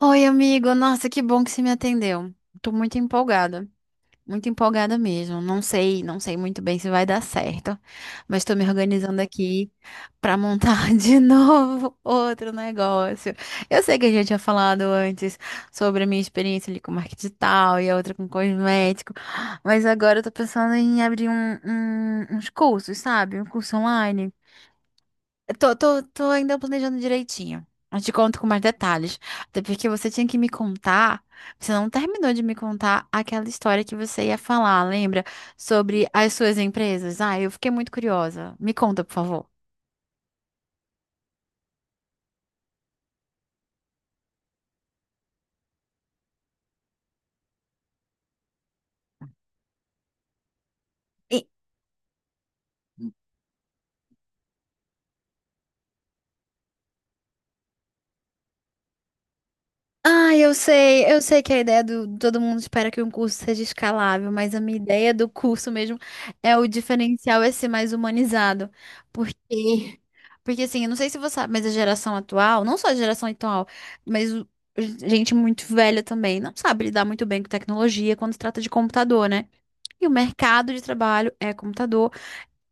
Oi, amigo. Nossa, que bom que você me atendeu. Tô muito empolgada. Muito empolgada mesmo. Não sei, não sei muito bem se vai dar certo, mas tô me organizando aqui pra montar de novo outro negócio. Eu sei que a gente tinha falado antes sobre a minha experiência ali com marketing digital e a outra com cosmético, mas agora eu tô pensando em abrir uns cursos, sabe? Um curso online. Tô ainda planejando direitinho. Eu te conto com mais detalhes. Até porque você tinha que me contar. Você não terminou de me contar aquela história que você ia falar, lembra? Sobre as suas empresas. Ah, eu fiquei muito curiosa. Me conta, por favor. Ah, eu sei que a ideia do todo mundo espera que um curso seja escalável, mas a minha ideia do curso mesmo é o diferencial é ser mais humanizado. Porque, porque assim, eu não sei se você sabe, mas a geração atual, não só a geração atual, mas o- gente muito velha também, não sabe lidar muito bem com tecnologia quando se trata de computador, né? E o mercado de trabalho é computador.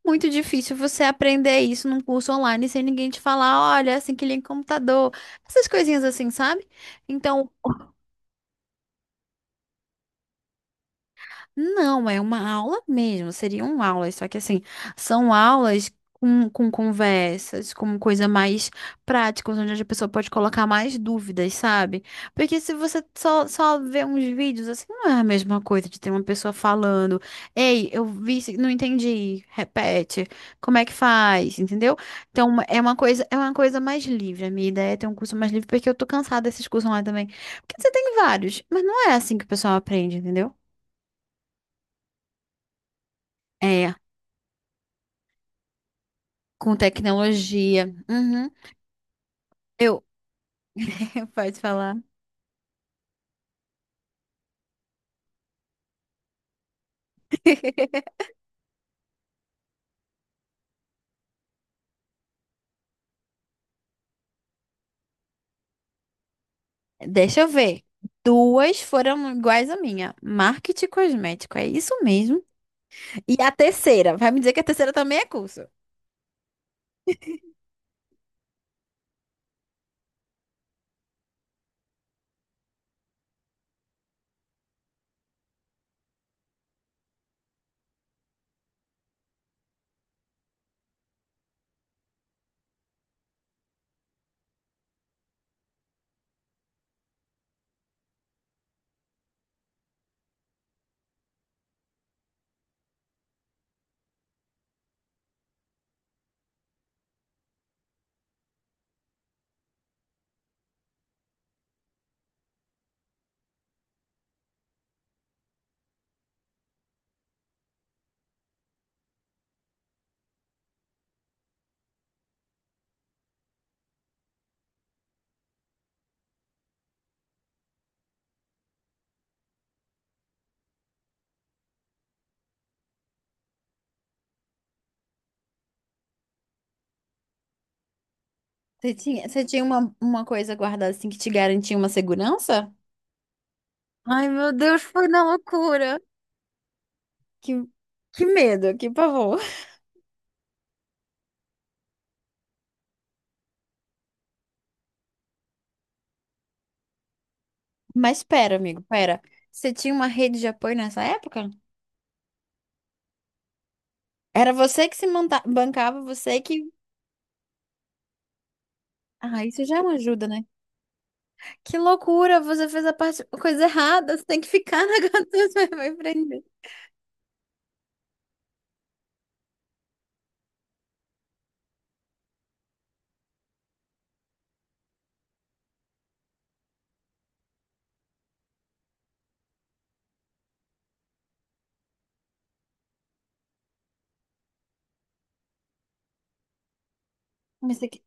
Muito difícil você aprender isso num curso online sem ninguém te falar, olha, é assim que liga o computador, essas coisinhas assim, sabe? Então, não, é uma aula mesmo, seriam aulas, só que assim, são aulas com conversas, com coisa mais prática, onde a pessoa pode colocar mais dúvidas, sabe? Porque se você só vê uns vídeos, assim, não é a mesma coisa de ter uma pessoa falando, ei, não entendi, repete, como é que faz, entendeu? Então, é uma coisa mais livre, a minha ideia é ter um curso mais livre, porque eu tô cansada desses cursos lá também, porque você tem vários, mas não é assim que o pessoal aprende, entendeu? É. Com tecnologia. Uhum. Eu, pode falar. Deixa eu ver. Duas foram iguais à minha. Marketing cosmético, é isso mesmo. E a terceira, vai me dizer que a terceira também é curso. Você tinha uma coisa guardada assim que te garantia uma segurança? Ai, meu Deus, foi na loucura. Que, que medo, que pavor. Mas pera, amigo, pera. Você tinha uma rede de apoio nessa época? Era você que se monta bancava, você que. Ah, isso já é uma ajuda, né? Que loucura, você fez a parte, a coisa errada, você tem que ficar na gatinha, vai prender. Mas você, que-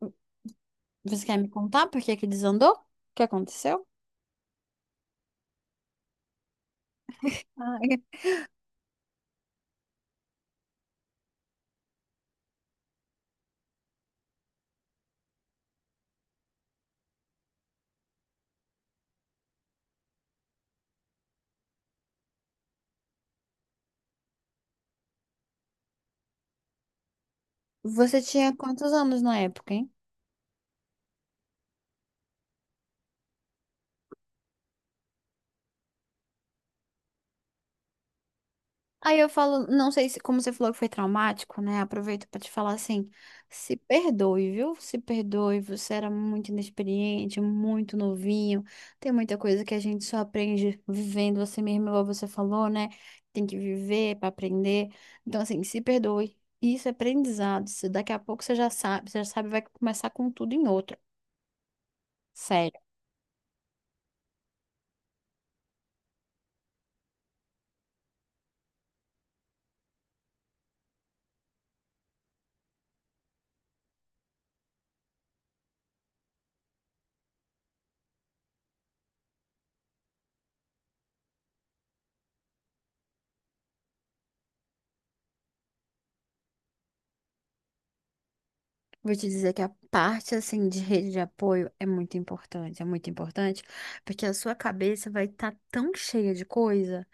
você quer me contar por que que desandou? O que aconteceu? Ah, é. Você tinha quantos anos na época, hein? Aí eu falo, não sei se, como você falou que foi traumático, né? Aproveito pra te falar assim, se perdoe, viu? Se perdoe, você era muito inexperiente, muito novinho. Tem muita coisa que a gente só aprende vivendo você mesmo, igual você falou, né? Tem que viver pra aprender. Então, assim, se perdoe. Isso é aprendizado. Se daqui a pouco você já sabe, vai começar com tudo em outro. Sério. Vou te dizer que a parte assim de rede de apoio é muito importante, porque a sua cabeça vai estar tão cheia de coisa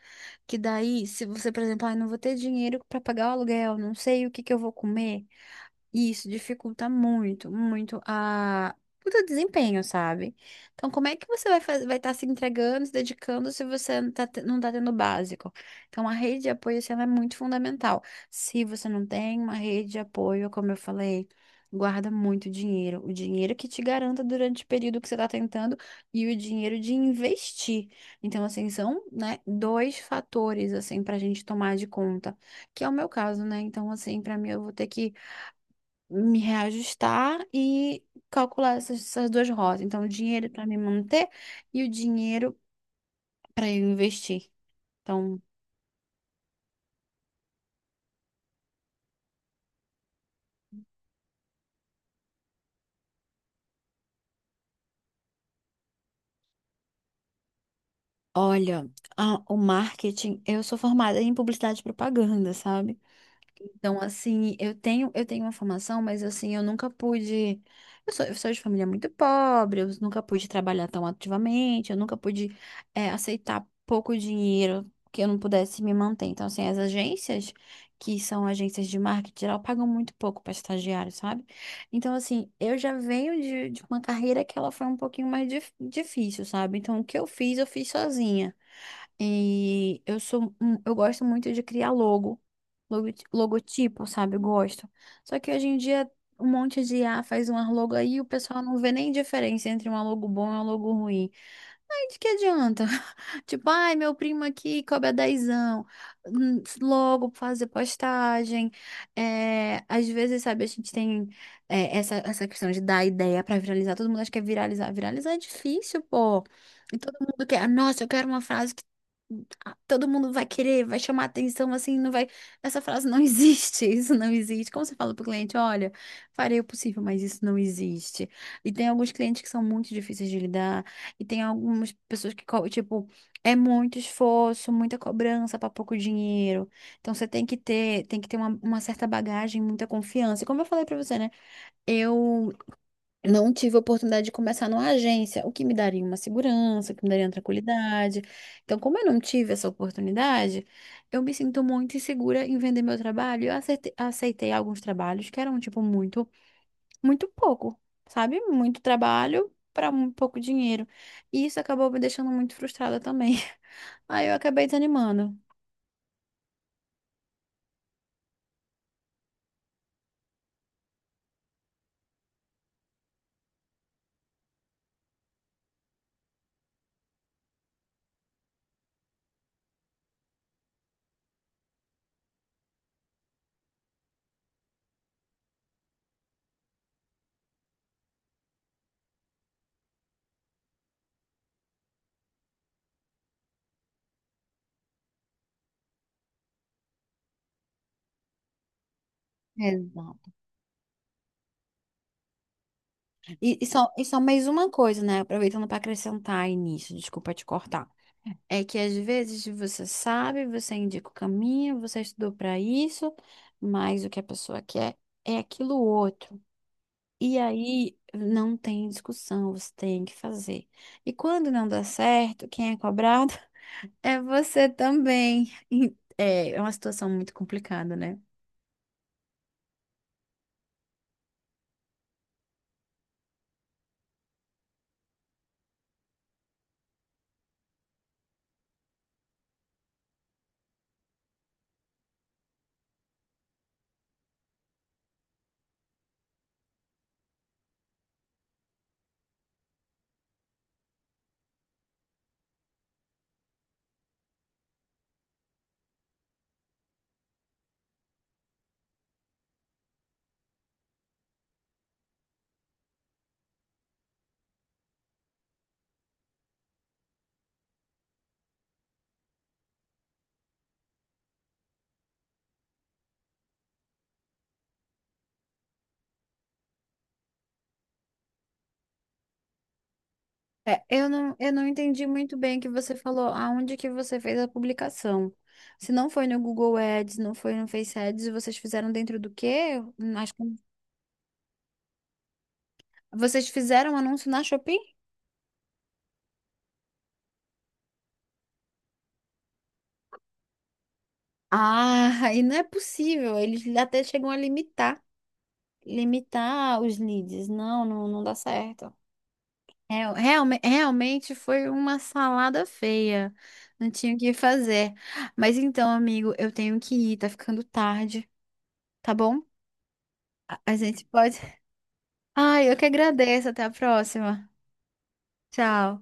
que daí, se você, por exemplo, ah, não vou ter dinheiro para pagar o aluguel, não sei o que que eu vou comer, e isso dificulta muito, muito a... o teu desempenho, sabe? Então, como é que você vai fazer, vai estar se entregando, se dedicando se você não tá, não tá tendo o básico? Então, a rede de apoio, assim, ela é muito fundamental. Se você não tem uma rede de apoio, como eu falei, guarda muito dinheiro. O dinheiro que te garanta durante o período que você está tentando e o dinheiro de investir. Então, assim, são, né, dois fatores, assim, pra gente tomar de conta. Que é o meu caso, né? Então, assim, pra mim, eu vou ter que me reajustar e calcular essas, essas duas rotas. Então, o dinheiro para me manter e o dinheiro para eu investir. Então, olha, o marketing, eu sou formada em publicidade e propaganda, sabe? Então, assim, eu tenho uma formação, mas assim, eu nunca pude. Eu sou de família muito pobre, eu nunca pude trabalhar tão ativamente, eu nunca pude, é, aceitar pouco dinheiro que eu não pudesse me manter. Então, assim, as agências, que são agências de marketing geral, pagam muito pouco para estagiário, sabe? Então, assim, eu já venho de uma carreira que ela foi um pouquinho mais difícil, sabe? Então, o que eu fiz sozinha. E eu sou, eu gosto muito de criar logo, logo- logotipo, sabe? Eu gosto. Só que hoje em dia um monte de IA faz um logo aí e o pessoal não vê nem diferença entre um logo bom e um logo ruim. Ai, de que adianta? Tipo, ai, meu primo aqui cobra dezão. Logo fazer postagem. É, às vezes, sabe, a gente tem é, essa questão de dar ideia pra viralizar. Todo mundo acha que é viralizar. Viralizar é difícil, pô. E todo mundo quer. Nossa, eu quero uma frase que ah, todo mundo vai querer, vai chamar atenção, assim, não vai. Essa frase não existe, isso não existe. Como você fala pro cliente, olha, farei o possível, mas isso não existe. E tem alguns clientes que são muito difíceis de lidar. E tem algumas pessoas que, tipo, é muito esforço, muita cobrança para pouco dinheiro. Então você tem que ter uma certa bagagem, muita confiança. E como eu falei para você, né? Eu não tive a oportunidade de começar numa agência, o que me daria uma segurança, o que me daria uma tranquilidade. Então, como eu não tive essa oportunidade, eu me sinto muito insegura em vender meu trabalho. Eu aceitei, aceitei alguns trabalhos que eram, tipo, muito muito pouco, sabe? Muito trabalho para um pouco dinheiro. E isso acabou me deixando muito frustrada também. Aí eu acabei desanimando. Exato. E só mais uma coisa, né? Aproveitando para acrescentar aí nisso, desculpa te cortar. É que às vezes você sabe, você indica o caminho, você estudou para isso, mas o que a pessoa quer é aquilo outro. E aí não tem discussão, você tem que fazer. E quando não dá certo, quem é cobrado? É você também. E, é, é uma situação muito complicada, né? É, eu não entendi muito bem o que você falou, aonde que você fez a publicação. Se não foi no Google Ads, não foi no Face Ads, vocês fizeram dentro do quê? Nas- vocês fizeram um anúncio na Shopee? Ah, e não é possível. Eles até chegam a limitar, limitar os leads. Não, não, não dá certo. É, realmente foi uma salada feia. Não tinha o que fazer. Mas então, amigo, eu tenho que ir, tá ficando tarde, tá bom? A gente pode. Ai, eu que agradeço. Até a próxima. Tchau.